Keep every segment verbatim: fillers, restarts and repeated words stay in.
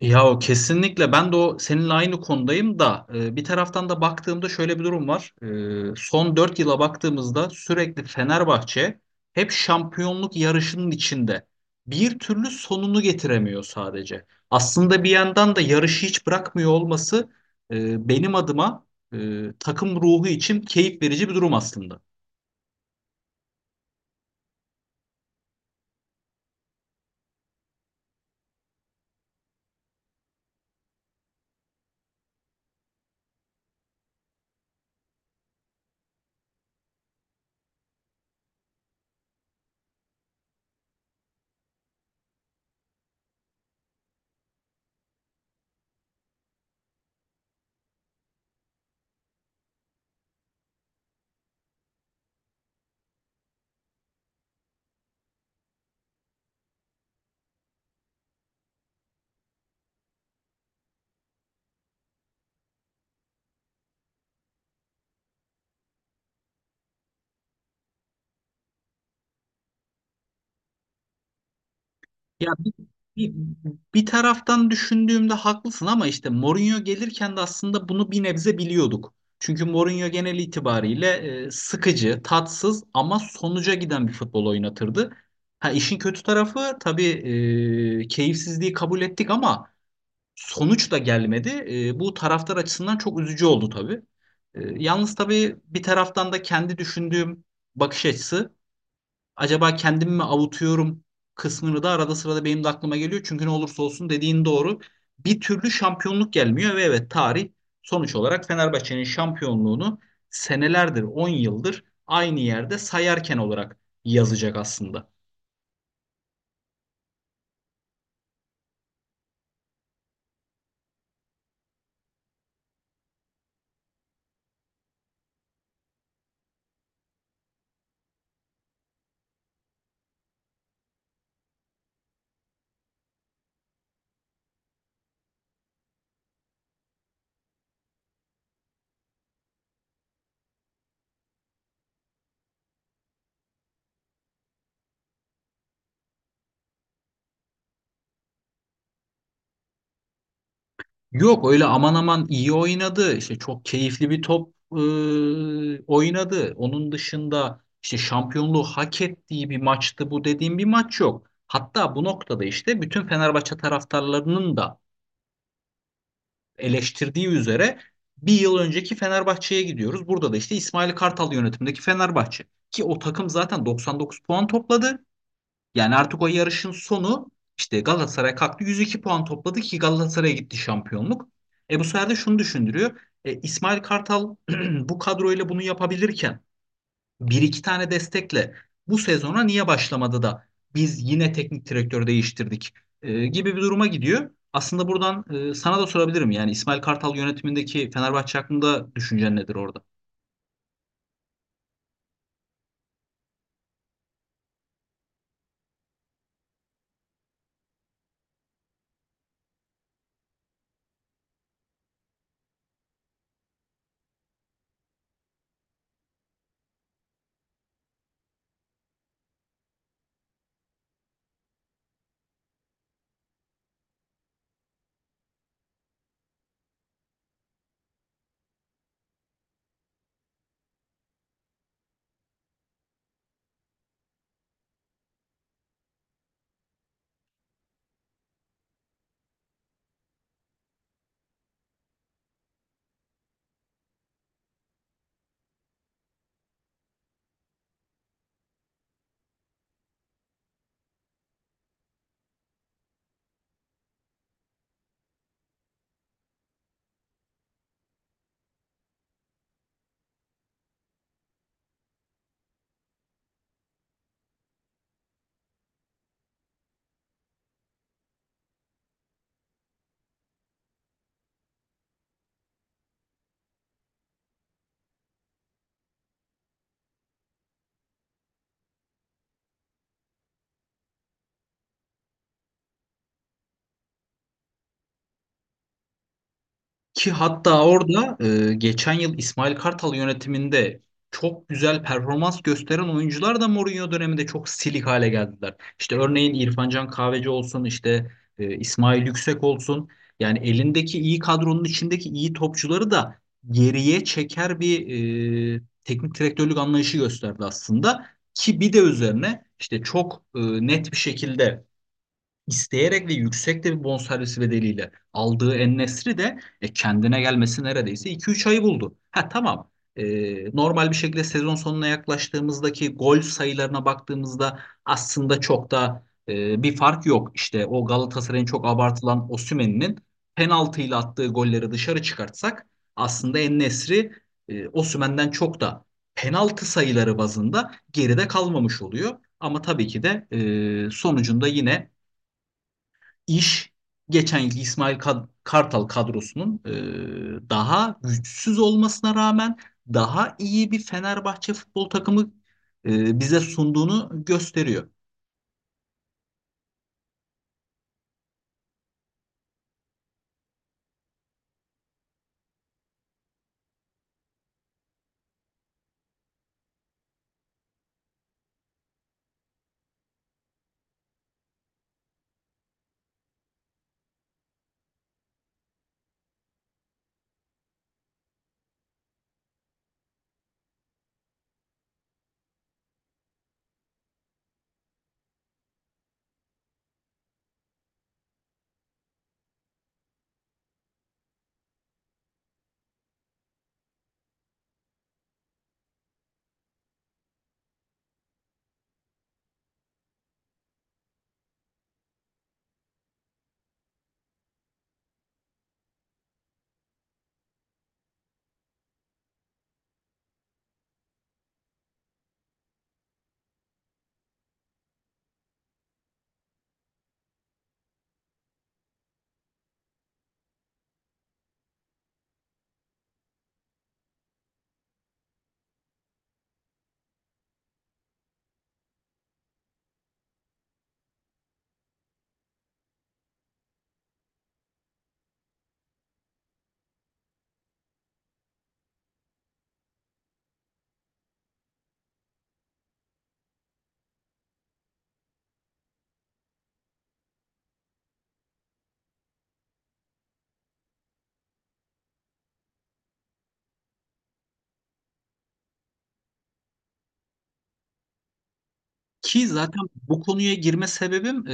Ya o kesinlikle ben de o seninle aynı konudayım da e, bir taraftan da baktığımda şöyle bir durum var. E, son dört yıla baktığımızda sürekli Fenerbahçe hep şampiyonluk yarışının içinde. Bir türlü sonunu getiremiyor sadece. Aslında bir yandan da yarışı hiç bırakmıyor olması, e, benim adıma, e, takım ruhu için keyif verici bir durum aslında. Ya bir, bir, bir taraftan düşündüğümde haklısın ama işte Mourinho gelirken de aslında bunu bir nebze biliyorduk. Çünkü Mourinho genel itibariyle e, sıkıcı, tatsız ama sonuca giden bir futbol oynatırdı. Ha işin kötü tarafı tabii e, keyifsizliği kabul ettik ama sonuç da gelmedi. E, bu taraftar açısından çok üzücü oldu tabii. E, yalnız tabii bir taraftan da kendi düşündüğüm bakış açısı, acaba kendimi mi avutuyorum kısmını da arada sırada benim de aklıma geliyor. Çünkü ne olursa olsun dediğin doğru. Bir türlü şampiyonluk gelmiyor ve evet tarih, sonuç olarak Fenerbahçe'nin şampiyonluğunu senelerdir, on yıldır aynı yerde sayarken olarak yazacak aslında. Yok öyle aman aman iyi oynadı. İşte çok keyifli bir top ıı, oynadı. Onun dışında işte şampiyonluğu hak ettiği bir maçtı bu dediğim bir maç yok. Hatta bu noktada işte bütün Fenerbahçe taraftarlarının da eleştirdiği üzere bir yıl önceki Fenerbahçe'ye gidiyoruz. Burada da işte İsmail Kartal yönetimindeki Fenerbahçe. Ki o takım zaten doksan dokuz puan topladı. Yani artık o yarışın sonu, işte Galatasaray kalktı yüz iki puan topladı ki Galatasaray'a gitti şampiyonluk. E bu sefer de şunu düşündürüyor. E, İsmail Kartal bu kadroyla bunu yapabilirken bir iki tane destekle bu sezona niye başlamadı da biz yine teknik direktör değiştirdik e, gibi bir duruma gidiyor. Aslında buradan, e, sana da sorabilirim yani İsmail Kartal yönetimindeki Fenerbahçe hakkında düşüncen nedir orada? Ki hatta orada, e, geçen yıl İsmail Kartal yönetiminde çok güzel performans gösteren oyuncular da Mourinho döneminde çok silik hale geldiler. İşte örneğin İrfan Can Kahveci olsun, işte e, İsmail Yüksek olsun. Yani elindeki iyi kadronun içindeki iyi topçuları da geriye çeker bir e, teknik direktörlük anlayışı gösterdi aslında. Ki bir de üzerine işte çok e, net bir şekilde isteyerek ve yüksek de bir bonservis bedeliyle aldığı En-Nesyri de, e, kendine gelmesi neredeyse iki üç ayı buldu. Ha tamam. E, Normal bir şekilde sezon sonuna yaklaştığımızdaki gol sayılarına baktığımızda aslında çok da e, bir fark yok. İşte o Galatasaray'ın çok abartılan Osimhen'in penaltıyla attığı golleri dışarı çıkartsak aslında En-Nesyri, e, Osimhen'den çok da penaltı sayıları bazında geride kalmamış oluyor. Ama tabii ki de, e, sonucunda yine iş geçen yılki İsmail Kad- Kartal kadrosunun e, daha güçsüz olmasına rağmen daha iyi bir Fenerbahçe futbol takımı e, bize sunduğunu gösteriyor. Ki zaten bu konuya girme sebebim,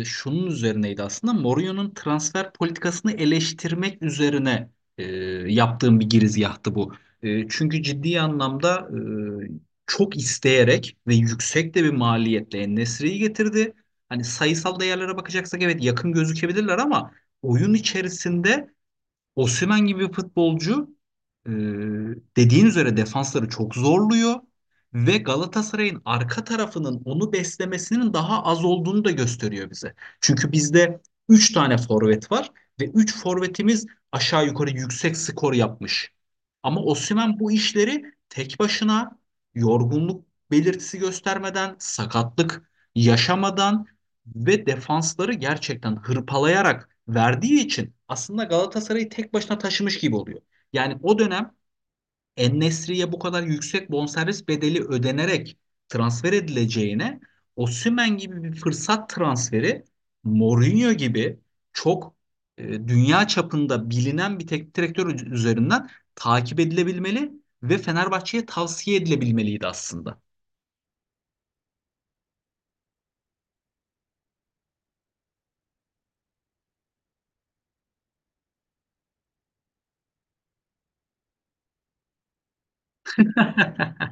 e, şunun üzerineydi aslında. Mourinho'nun transfer politikasını eleştirmek üzerine e, yaptığım bir girizgahtı bu. E, çünkü ciddi anlamda, e, çok isteyerek ve yüksek de bir maliyetle En-Nesyri'yi getirdi. Hani sayısal değerlere bakacaksak evet yakın gözükebilirler ama oyun içerisinde Osimhen gibi bir futbolcu, e, dediğin üzere defansları çok zorluyor ve Galatasaray'ın arka tarafının onu beslemesinin daha az olduğunu da gösteriyor bize. Çünkü bizde üç tane forvet var ve üç forvetimiz aşağı yukarı yüksek skor yapmış. Ama Osimhen bu işleri tek başına yorgunluk belirtisi göstermeden, sakatlık yaşamadan ve defansları gerçekten hırpalayarak verdiği için aslında Galatasaray'ı tek başına taşımış gibi oluyor. Yani o dönem En-Nesyri'ye bu kadar yüksek bonservis bedeli ödenerek transfer edileceğine Osimhen gibi bir fırsat transferi Mourinho gibi çok e, dünya çapında bilinen bir teknik direktör üzerinden takip edilebilmeli ve Fenerbahçe'ye tavsiye edilebilmeliydi aslında.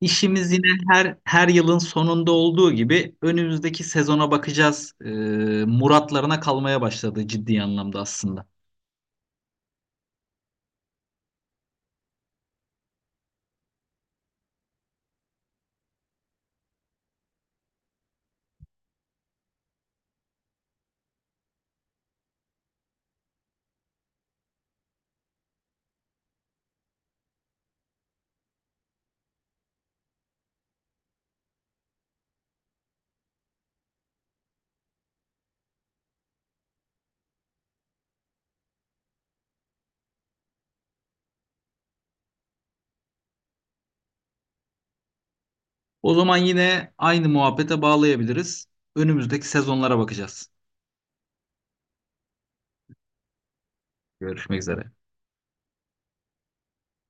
İşimiz yine her her yılın sonunda olduğu gibi önümüzdeki sezona bakacağız. Ee, muratlarına kalmaya başladı ciddi anlamda aslında. O zaman yine aynı muhabbete bağlayabiliriz. Önümüzdeki sezonlara bakacağız. Görüşmek üzere.